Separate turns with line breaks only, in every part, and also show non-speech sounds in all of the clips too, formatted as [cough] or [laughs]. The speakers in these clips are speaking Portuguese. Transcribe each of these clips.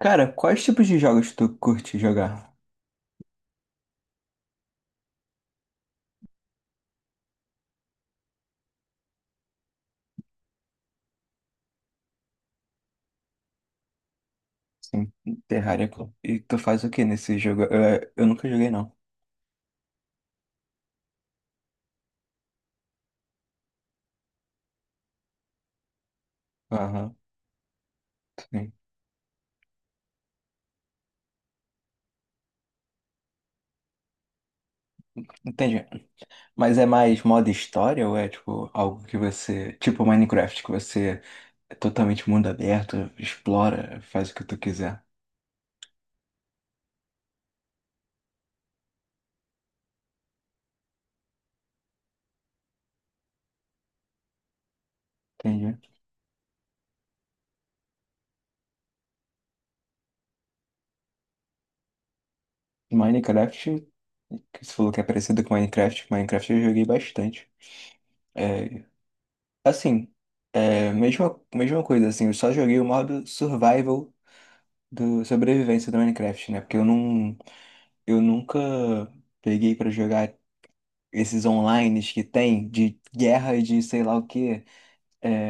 Cara, quais tipos de jogos tu curte jogar? Sim. Terraria, pô. E tu faz o que nesse jogo? Eu nunca joguei, não. Aham, sim. Entendi. Mas é mais modo história ou é tipo algo que você. Tipo Minecraft, que você é totalmente mundo aberto, explora, faz o que tu quiser. Entendi. Minecraft, que você falou que é parecido com Minecraft, Minecraft eu joguei bastante. É. Assim, mesma coisa, assim, eu só joguei o modo survival do sobrevivência do Minecraft, né? Porque eu não, eu nunca peguei pra jogar esses online que tem de guerra e de sei lá o que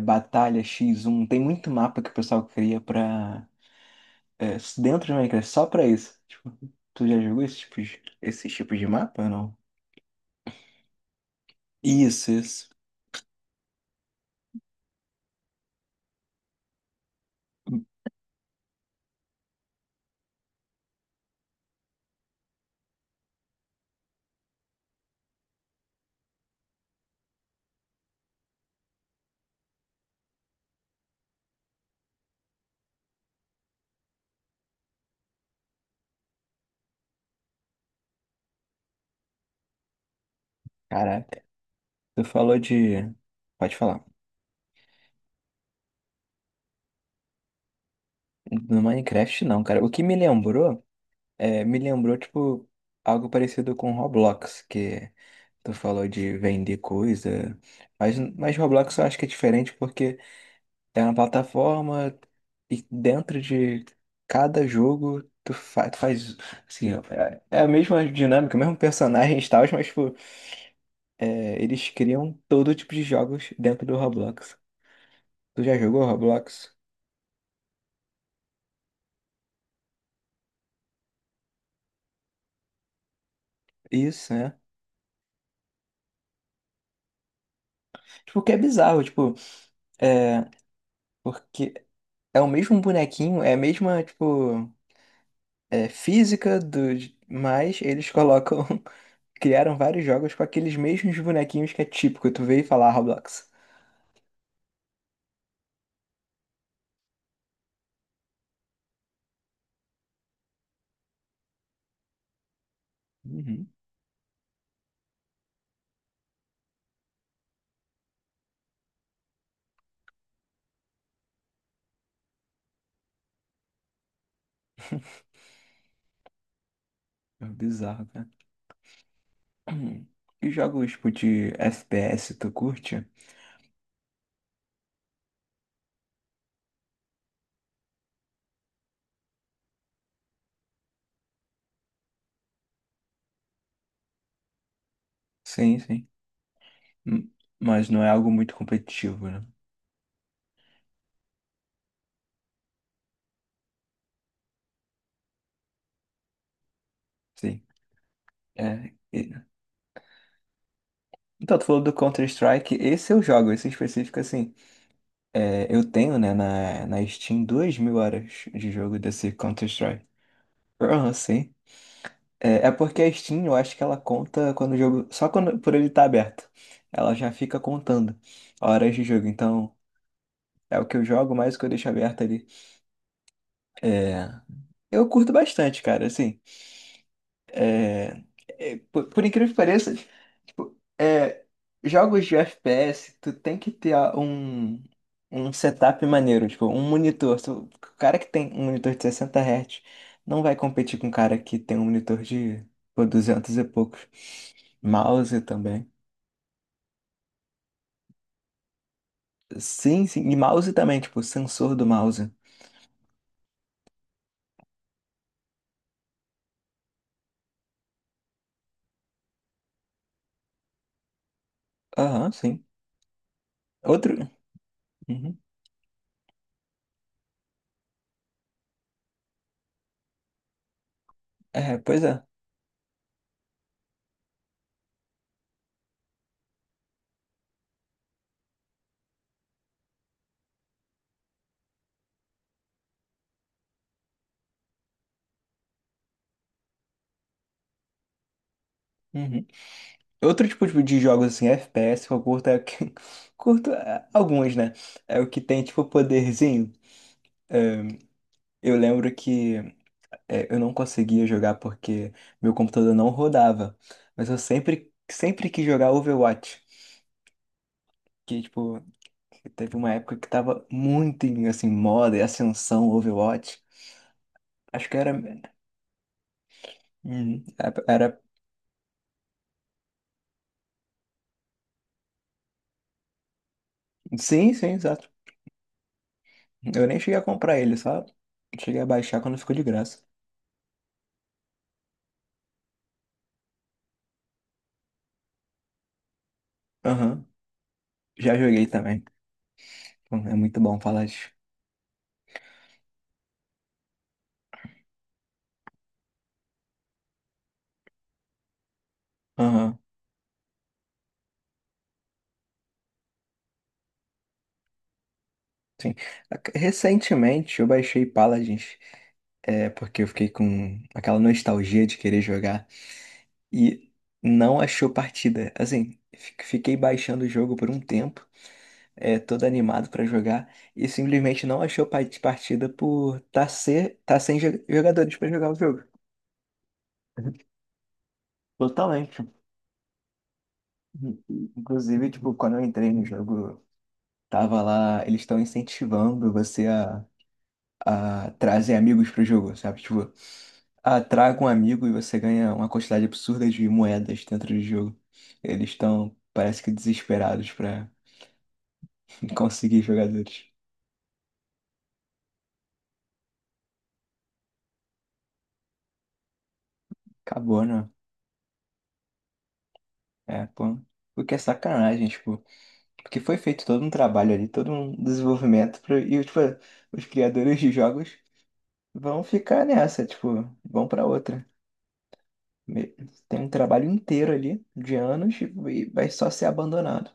batalha x um. Tem muito mapa que o pessoal cria pra, dentro do Minecraft, só pra isso. Tipo, tu já jogou esses tipos de mapa ou não? Isso, isso. Caraca, tu falou de... Pode falar. No Minecraft, não, cara. O que me lembrou, tipo, algo parecido com Roblox, que tu falou de vender coisa. Mas Roblox eu acho que é diferente porque é uma plataforma e dentro de cada jogo tu faz, assim, é a mesma dinâmica, o mesmo personagem e tal, mas, tipo, eles criam todo tipo de jogos dentro do Roblox. Tu já jogou Roblox? Isso, né? Tipo, o que é bizarro, tipo, é, porque é o mesmo bonequinho, é a mesma, tipo, física do. Mas eles colocam. [laughs] Criaram vários jogos com aqueles mesmos bonequinhos que é típico, tu veio falar Roblox. Uhum. É bizarro, cara. Hum. E jogos, tipo, de FPS, tu curte? Sim, sim. Hum, Mas não é algo muito competitivo, né? Sim. É. Então, tu falou do Counter-Strike, esse eu jogo, esse em específico, assim. É, eu tenho, né, na Steam, 2 mil horas de jogo desse Counter-Strike. Ah, sim. É, porque a Steam, eu acho que ela conta quando o jogo. Só quando por ele estar aberto. Ela já fica contando horas de jogo. Então, é o que eu jogo, mais o que eu deixo aberto ali. É, eu curto bastante, cara, assim. É, é, por incrível que pareça, tipo, jogos de FPS, tu tem que ter um setup maneiro, tipo, um monitor. O cara que tem um monitor de 60 Hz não vai competir com o cara que tem um monitor de pô, 200 e poucos. Mouse também. Sim, sim. E mouse também, tipo, sensor do mouse. Aham, sim. Outro. Uhum. É, pois é. Uhum. Outro tipo de jogos assim, FPS, que eu curto é o que. [laughs] Curto é, alguns, né? É o que tem, tipo, poderzinho. É, eu lembro que eu não conseguia jogar porque meu computador não rodava. Mas eu sempre, sempre quis jogar Overwatch. Que, tipo, que teve uma época que tava muito em, assim, moda e ascensão Overwatch. Acho que era. Uhum. Era. Sim, sim, exato. Eu nem cheguei a comprar ele, só cheguei a baixar quando ficou de graça. Aham. Já joguei também. É muito bom Paladins. Aham. Sim. Recentemente eu baixei Paladins, porque eu fiquei com aquela nostalgia de querer jogar e não achou partida. Assim, fiquei baixando o jogo por um tempo, todo animado pra jogar e simplesmente não achou partida por tá sem jogadores pra jogar o jogo. Totalmente. Inclusive, tipo, quando eu entrei no jogo, tava lá, eles estão incentivando você a trazer amigos pro jogo, sabe? Tipo, ah, traga um amigo e você ganha uma quantidade absurda de moedas dentro do jogo. Eles estão, parece que desesperados pra [laughs] conseguir jogadores. Acabou, né? É, pô. O que é sacanagem, tipo, porque foi feito todo um trabalho ali, todo um desenvolvimento pra, e, tipo, os criadores de jogos vão ficar nessa, tipo, vão pra outra. Me- Tem um trabalho inteiro ali de anos e vai só ser abandonado.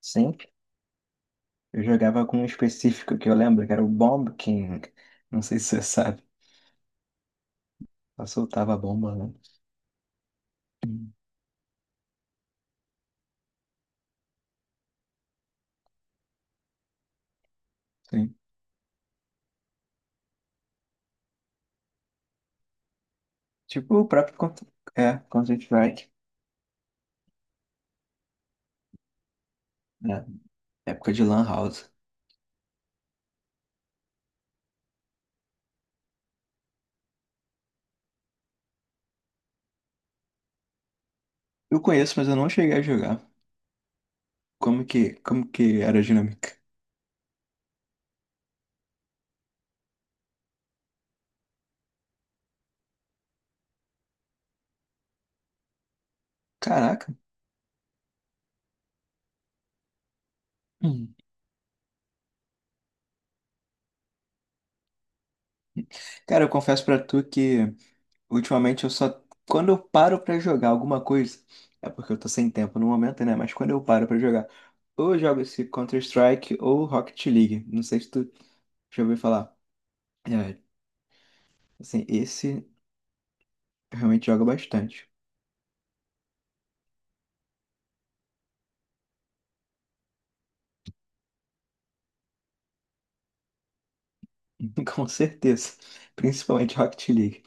Sempre. Eu jogava com um específico que eu lembro, que era o Bomb King. Não sei se você sabe. Só soltava a bomba, né? Hum. Sim. Tipo o próprio Counter-Strike, né? Época de Lan House. Eu conheço, mas eu não cheguei a jogar. Como que era a dinâmica? Caraca. Hum. Cara, eu confesso pra tu que ultimamente eu só. Quando eu paro pra jogar alguma coisa, é porque eu tô sem tempo no momento, né? Mas quando eu paro pra jogar, ou eu jogo esse Counter-Strike ou Rocket League. Não sei se tu já ouviu falar. É, assim, esse eu realmente joga bastante. [laughs] Com certeza. Principalmente Rocket League.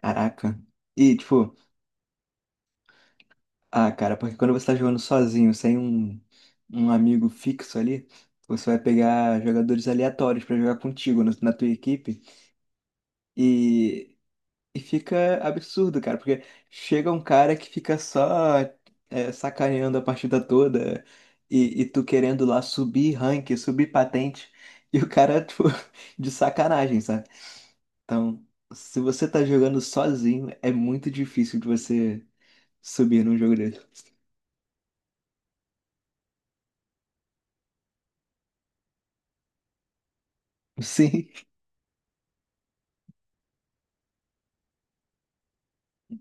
Caraca. E, tipo, ah, cara, porque quando você tá jogando sozinho, sem um amigo fixo ali, você vai pegar jogadores aleatórios pra jogar contigo na tua equipe. E. E fica absurdo, cara, porque chega um cara que fica só sacaneando a partida toda e tu querendo lá subir rank, subir patente, e o cara, tipo, [laughs] de sacanagem, sabe? Então, se você tá jogando sozinho, é muito difícil de você subir num jogo desse. [laughs] Sim,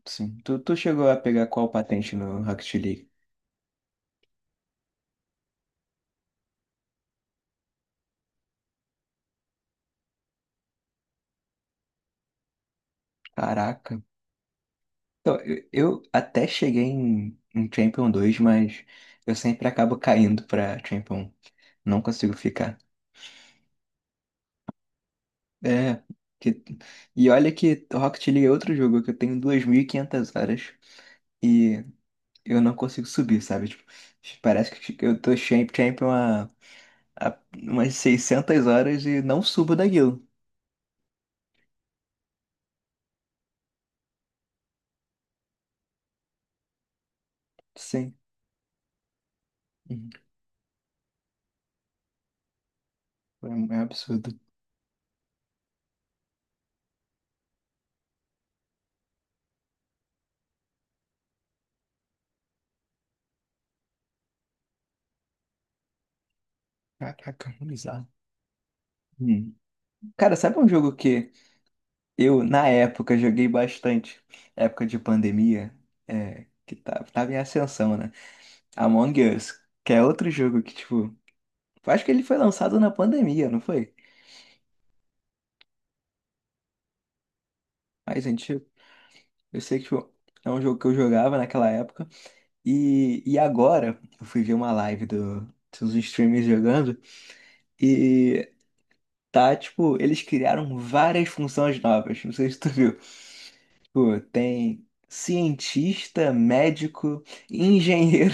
sim. Tu chegou a pegar qual patente no Rocket League? Caraca. Então, eu até cheguei em Champion 2, mas eu sempre acabo caindo pra Champion 1. Não consigo ficar. É. que- E olha que Rocket League é outro jogo que eu tenho 2.500 horas e eu não consigo subir, sabe? Tipo, parece que eu tô champion há umas 600 horas e não subo daquilo. Sim. Uhum. É, é um absurdo. Caraca, bizarro. Hum. Cara, sabe um jogo que eu, na época, joguei bastante? Época de pandemia, que tava em ascensão, né? Among Us, que é outro jogo que, tipo, eu acho que ele foi lançado na pandemia, não foi? Mas, gente, eu sei que tipo, é um jogo que eu jogava naquela época. E agora, eu fui ver uma live dos streamers jogando. E tá, tipo, eles criaram várias funções novas. Não sei se tu viu. Tipo, tem cientista, médico, engenheiro.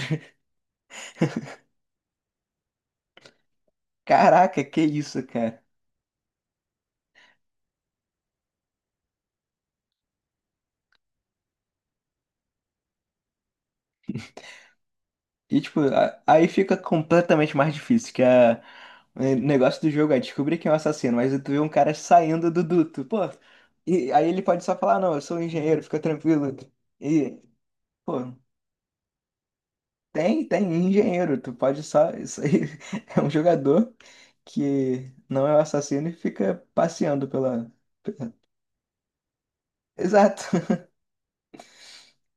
[laughs] Caraca, que isso, cara. E, tipo, aí fica completamente mais difícil, que o negócio do jogo é descobrir quem é o assassino, mas tu vê um cara saindo do duto, pô. E aí ele pode só falar, não, eu sou um engenheiro, fica tranquilo. E, pô, tem engenheiro, tu pode só. Isso aí [laughs] é um jogador que não é o assassino e fica passeando pela. pela- Exato.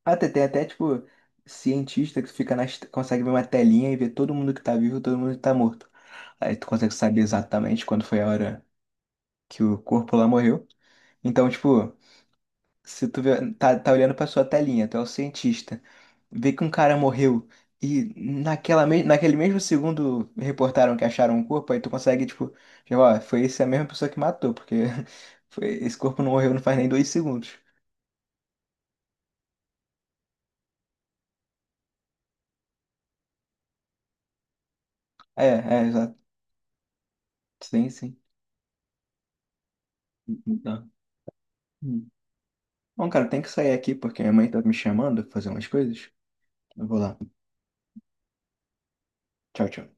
Ah, tem até, tipo, cientista que fica consegue ver uma telinha e ver todo mundo que tá vivo e todo mundo que tá morto. Aí tu consegue saber exatamente quando foi a hora que o corpo lá morreu. Então, tipo, se tu vê, tá olhando pra sua telinha, tu é o cientista, vê que um cara morreu e naquele mesmo segundo reportaram que acharam um corpo, aí tu consegue, tipo, já, ó, foi essa mesma pessoa que matou, porque [laughs] esse corpo não morreu não faz nem 2 segundos. É, exato. Sim, sim. Então. Bom, cara, tem que sair aqui porque minha mãe tá me chamando pra fazer umas coisas. Eu vou lá. Tchau, tchau.